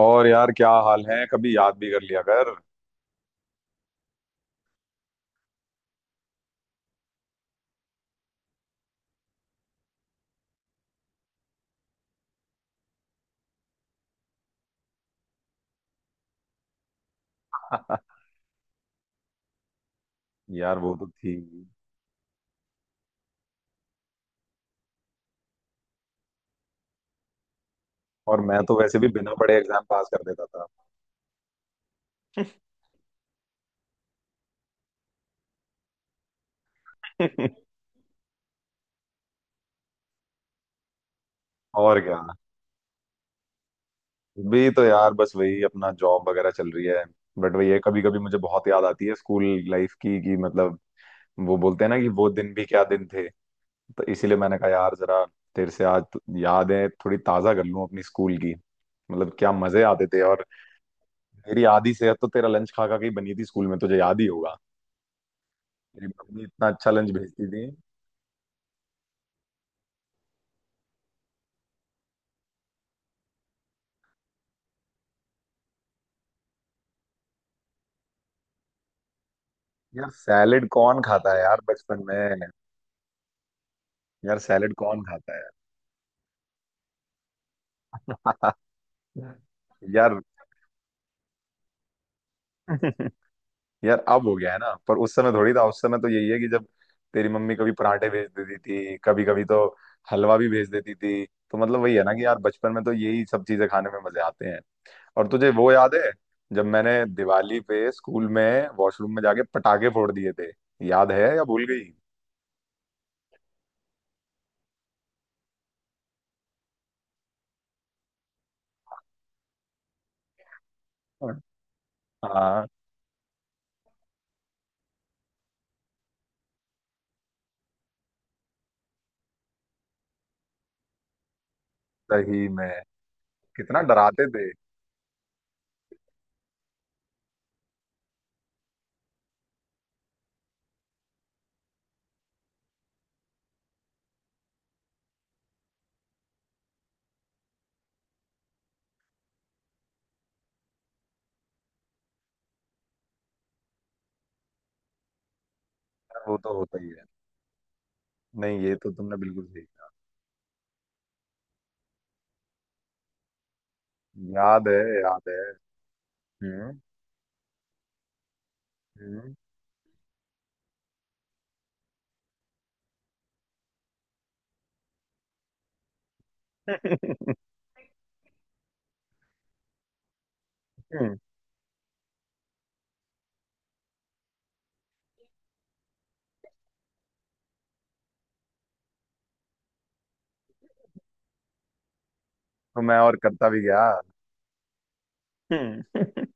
और यार क्या हाल है। कभी याद भी कर लिया कर। यार वो तो थी। और मैं तो वैसे भी बिना पढ़े एग्जाम पास कर देता था। और क्या। भी तो यार बस वही अपना जॉब वगैरह चल रही है। बट वही है, कभी कभी मुझे बहुत याद आती है स्कूल लाइफ की, कि मतलब वो बोलते हैं ना कि वो दिन भी क्या दिन थे। तो इसीलिए मैंने कहा यार जरा तेरे से आज तो यादें थोड़ी ताजा कर लूं अपनी स्कूल की। मतलब क्या मजे आते थे। और मेरी आधी सेहत तो तेरा लंच खा खा के ही बनी थी स्कूल में, तुझे याद ही होगा। मेरी मम्मी इतना अच्छा लंच भेजती थी। यार सैलेड कौन खाता है यार बचपन में। यार सैलेड कौन खाता है यार। यार यार अब हो गया है ना, पर उस समय थोड़ी था। उस समय तो यही है कि जब तेरी मम्मी कभी पराठे भेज देती थी, कभी कभी तो हलवा भी भेज देती थी। तो मतलब वही है ना कि यार बचपन में तो यही सब चीजें खाने में मजे आते हैं। और तुझे वो याद है जब मैंने दिवाली पे स्कूल में वॉशरूम में जाके पटाखे फोड़ दिए थे? याद है या भूल गई? हाँ। सही में। कितना डराते थे यार। वो तो होता ही है। नहीं, ये तो तुमने बिल्कुल सही कहा। याद है। याद है। हम्म। हम्म। हम्म। तो मैं और करता भी गया। हम्म।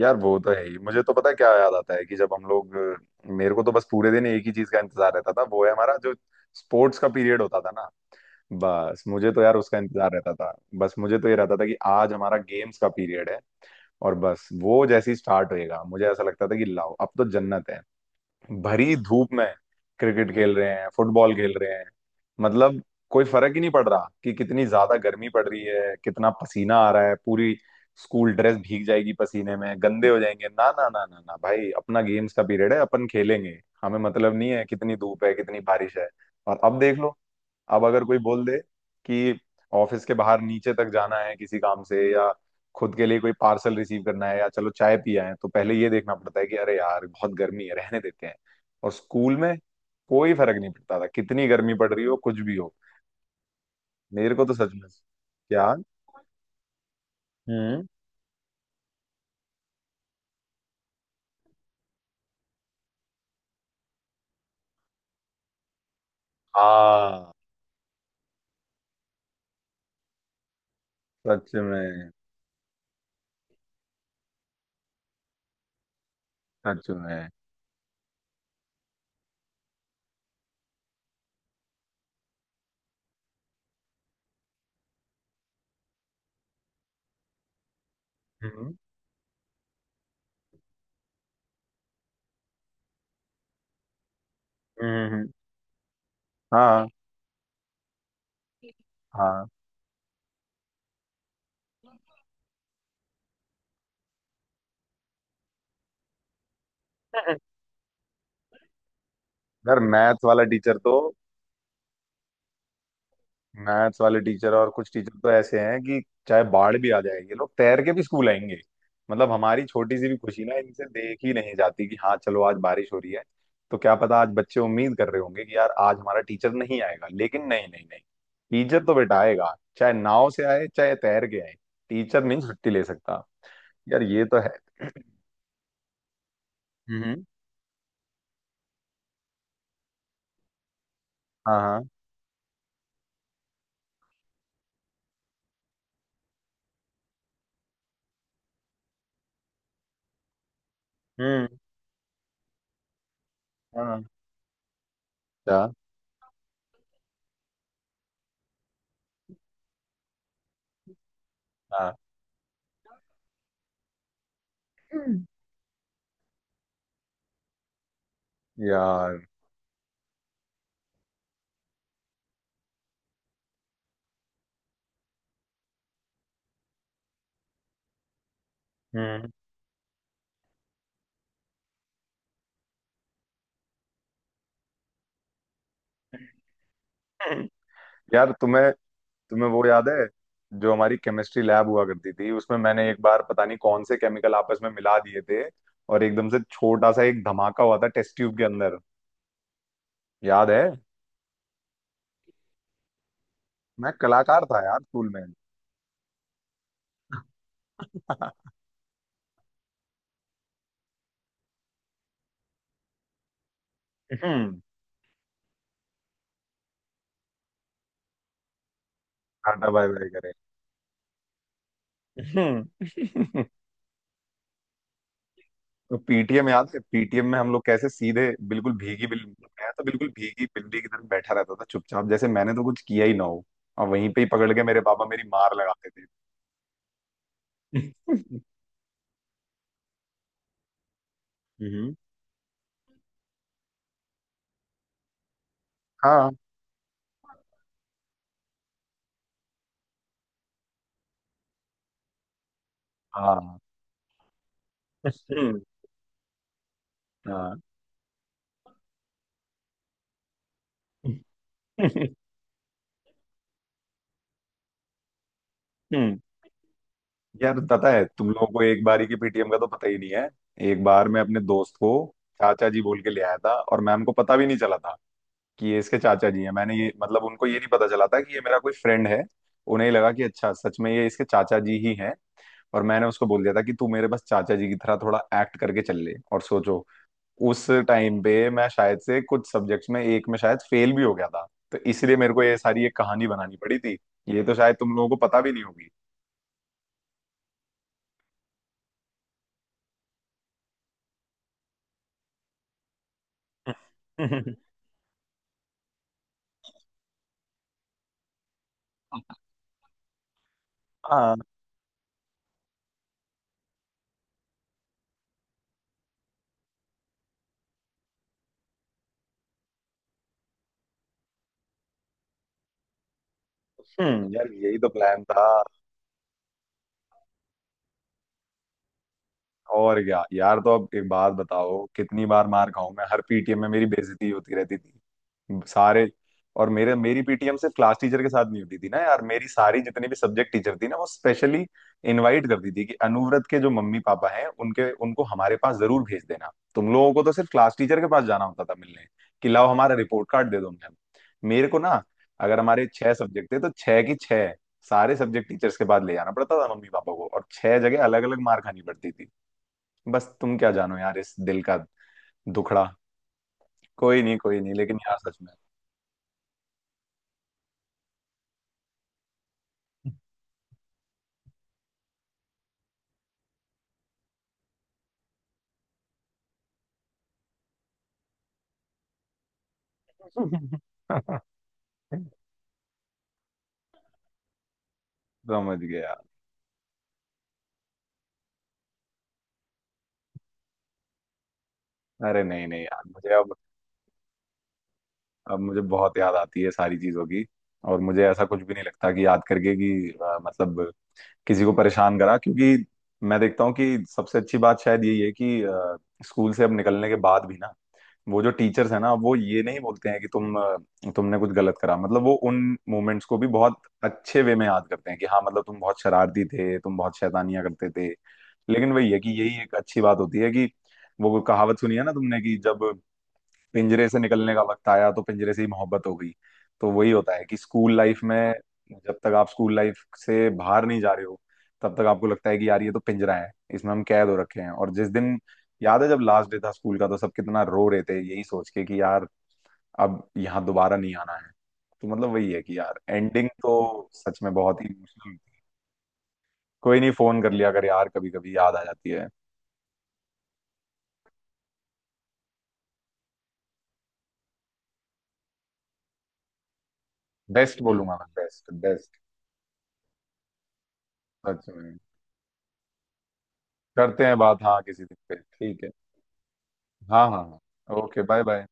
यार वो तो है ही। मुझे तो पता है क्या याद आता है कि जब हम लोग, मेरे को तो बस पूरे दिन एक ही चीज का इंतजार रहता था, वो है हमारा जो स्पोर्ट्स का पीरियड होता था ना। बस मुझे तो यार उसका इंतजार रहता था। बस मुझे तो ये रहता था कि आज हमारा गेम्स का पीरियड है, और बस वो जैसे ही स्टार्ट होएगा मुझे ऐसा लगता था कि लाओ अब तो जन्नत है। भरी धूप में क्रिकेट खेल रहे हैं, फुटबॉल खेल रहे हैं। मतलब कोई फर्क ही नहीं पड़ रहा कि कितनी ज्यादा गर्मी पड़ रही है, कितना पसीना आ रहा है, पूरी स्कूल ड्रेस भीग जाएगी पसीने में, गंदे हो जाएंगे। ना ना ना ना ना भाई अपना गेम्स का पीरियड है, अपन खेलेंगे। हमें मतलब नहीं है कितनी धूप है, कितनी बारिश है। और अब देख लो। अब अगर कोई बोल दे कि ऑफिस के बाहर नीचे तक जाना है किसी काम से, या खुद के लिए कोई पार्सल रिसीव करना है, या चलो चाय पिया है, तो पहले ये देखना पड़ता है कि अरे यार बहुत गर्मी है, रहने देते हैं। और स्कूल में कोई फर्क नहीं पड़ता था कितनी गर्मी पड़ रही हो, कुछ भी हो। मेरे को तो सच में। क्या। हम्म। हाँ। सच में। सच में। हम्म। हम्म। हम्म। हाँ। हाँ। अगर मैथ्स वाला टीचर तो, मैथ्स वाले टीचर और कुछ टीचर तो ऐसे हैं कि चाहे बाढ़ भी आ जाए ये लोग तैर के भी स्कूल आएंगे। मतलब हमारी छोटी सी भी खुशी ना इनसे देख ही नहीं जाती, कि हाँ चलो आज बारिश हो रही है, तो क्या पता आज बच्चे उम्मीद कर रहे होंगे कि यार आज हमारा टीचर नहीं आएगा, लेकिन नहीं नहीं नहीं, टीचर तो बेटा आएगा, चाहे नाव से आए चाहे तैर के आए। टीचर नहीं छुट्टी ले सकता। यार ये तो है। हम्म। हाँ। हाँ। हम्म। हाँ। क्या? हाँ। हम्म। यार। हम्म। यार तुम्हें तुम्हें वो याद है जो हमारी केमिस्ट्री लैब हुआ करती थी, उसमें मैंने एक बार पता नहीं कौन से केमिकल आपस में मिला दिए थे, और एकदम से छोटा सा एक धमाका हुआ था टेस्ट ट्यूब के अंदर। याद है? मैं कलाकार था यार स्कूल में। हम्म। टाटा बाय बाय करे। हम्म। तो पीटीएम याद है? पीटीएम में हम लोग कैसे सीधे बिल्कुल भीगी बिल। मैं तो बिल्कुल भीगी बिल्ली की तरह बैठा रहता था चुपचाप, जैसे मैंने तो कुछ किया ही ना हो। और वहीं पे ही पकड़ के मेरे पापा मेरी मार लगाते थे। हम्म। हाँ। हाँ। हम्म। हाँ। हम्म। यार पता है तुम लोगों को एक बारी के पीटीएम का तो पता ही नहीं है। एक बार मैं अपने दोस्त को चाचा जी बोल के ले आया था, और मैम को पता भी नहीं चला था कि ये इसके चाचा जी हैं। मैंने ये, मतलब उनको ये नहीं पता चला था कि ये मेरा कोई फ्रेंड है। उन्हें ही लगा कि अच्छा सच में ये इसके चाचा जी ही हैं। और मैंने उसको बोल दिया था कि तू मेरे बस चाचा जी की तरह थोड़ा एक्ट करके चल ले। और सोचो, उस टाइम पे मैं शायद से कुछ सब्जेक्ट्स में, एक में शायद फेल भी हो गया था, तो इसलिए मेरे को ये सारी एक कहानी बनानी पड़ी थी। ये तो शायद तुम लोगों को पता भी नहीं होगी। हाँ। हम्म, यार यही तो प्लान था। और क्या यार, तो अब एक बात बताओ, कितनी बार मार खाऊं मैं? हर पीटीएम में मेरी बेइज्जती होती रहती थी। सारे, और मेरे मेरी पीटीएम सिर्फ क्लास टीचर के साथ नहीं होती थी ना यार। मेरी सारी जितनी भी सब्जेक्ट टीचर थी ना, वो स्पेशली इनवाइट करती थी कि अनुव्रत के जो मम्मी पापा हैं उनके उनको हमारे पास जरूर भेज देना। तुम लोगों को तो सिर्फ क्लास टीचर के पास जाना होता था मिलने, कि लाओ हमारा रिपोर्ट कार्ड दे दो मैम। मेरे को ना, अगर हमारे छह सब्जेक्ट थे तो छह की छह, सारे सब्जेक्ट टीचर्स के पास ले जाना पड़ता था मम्मी पापा को, और छह जगह अलग अलग मार खानी पड़ती थी। बस तुम क्या जानो यार इस दिल का दुखड़ा। कोई नहीं कोई नहीं, लेकिन यार सच में। समझ गया। अरे नहीं नहीं यार मुझे अब मुझे बहुत याद आती है सारी चीजों की। और मुझे ऐसा कुछ भी नहीं लगता कि याद करके कि मतलब किसी को परेशान करा, क्योंकि मैं देखता हूँ कि सबसे अच्छी बात शायद यही है कि स्कूल से अब निकलने के बाद भी ना वो जो टीचर्स है ना, वो ये नहीं बोलते हैं कि तुमने कुछ गलत करा। मतलब वो उन मोमेंट्स को भी बहुत अच्छे वे में याद करते हैं कि हाँ मतलब तुम बहुत शरारती थे, तुम बहुत शैतानियां करते थे। लेकिन वही है कि यही एक अच्छी बात होती है कि वो कहावत सुनी है ना तुमने कि जब पिंजरे से निकलने का वक्त आया तो पिंजरे से ही मोहब्बत हो गई। तो वही होता है कि स्कूल लाइफ में, जब तक आप स्कूल लाइफ से बाहर नहीं जा रहे हो तब तक आपको लगता है कि यार ये तो पिंजरा है, इसमें हम कैद हो रखे हैं। और जिस दिन, याद है जब लास्ट डे था स्कूल का तो सब कितना रो रहे थे, यही सोच के कि यार अब यहाँ दोबारा नहीं आना है। तो मतलब वही है कि यार एंडिंग तो सच में बहुत ही इमोशनल। कोई नहीं, फोन कर लिया अगर, यार कभी कभी याद आ जाती है। बेस्ट बोलूंगा मैं, बेस्ट बेस्ट। सच में। करते हैं बात, हाँ किसी दिन पे, ठीक है। हाँ हाँ। हाँ ओके बाय बाय।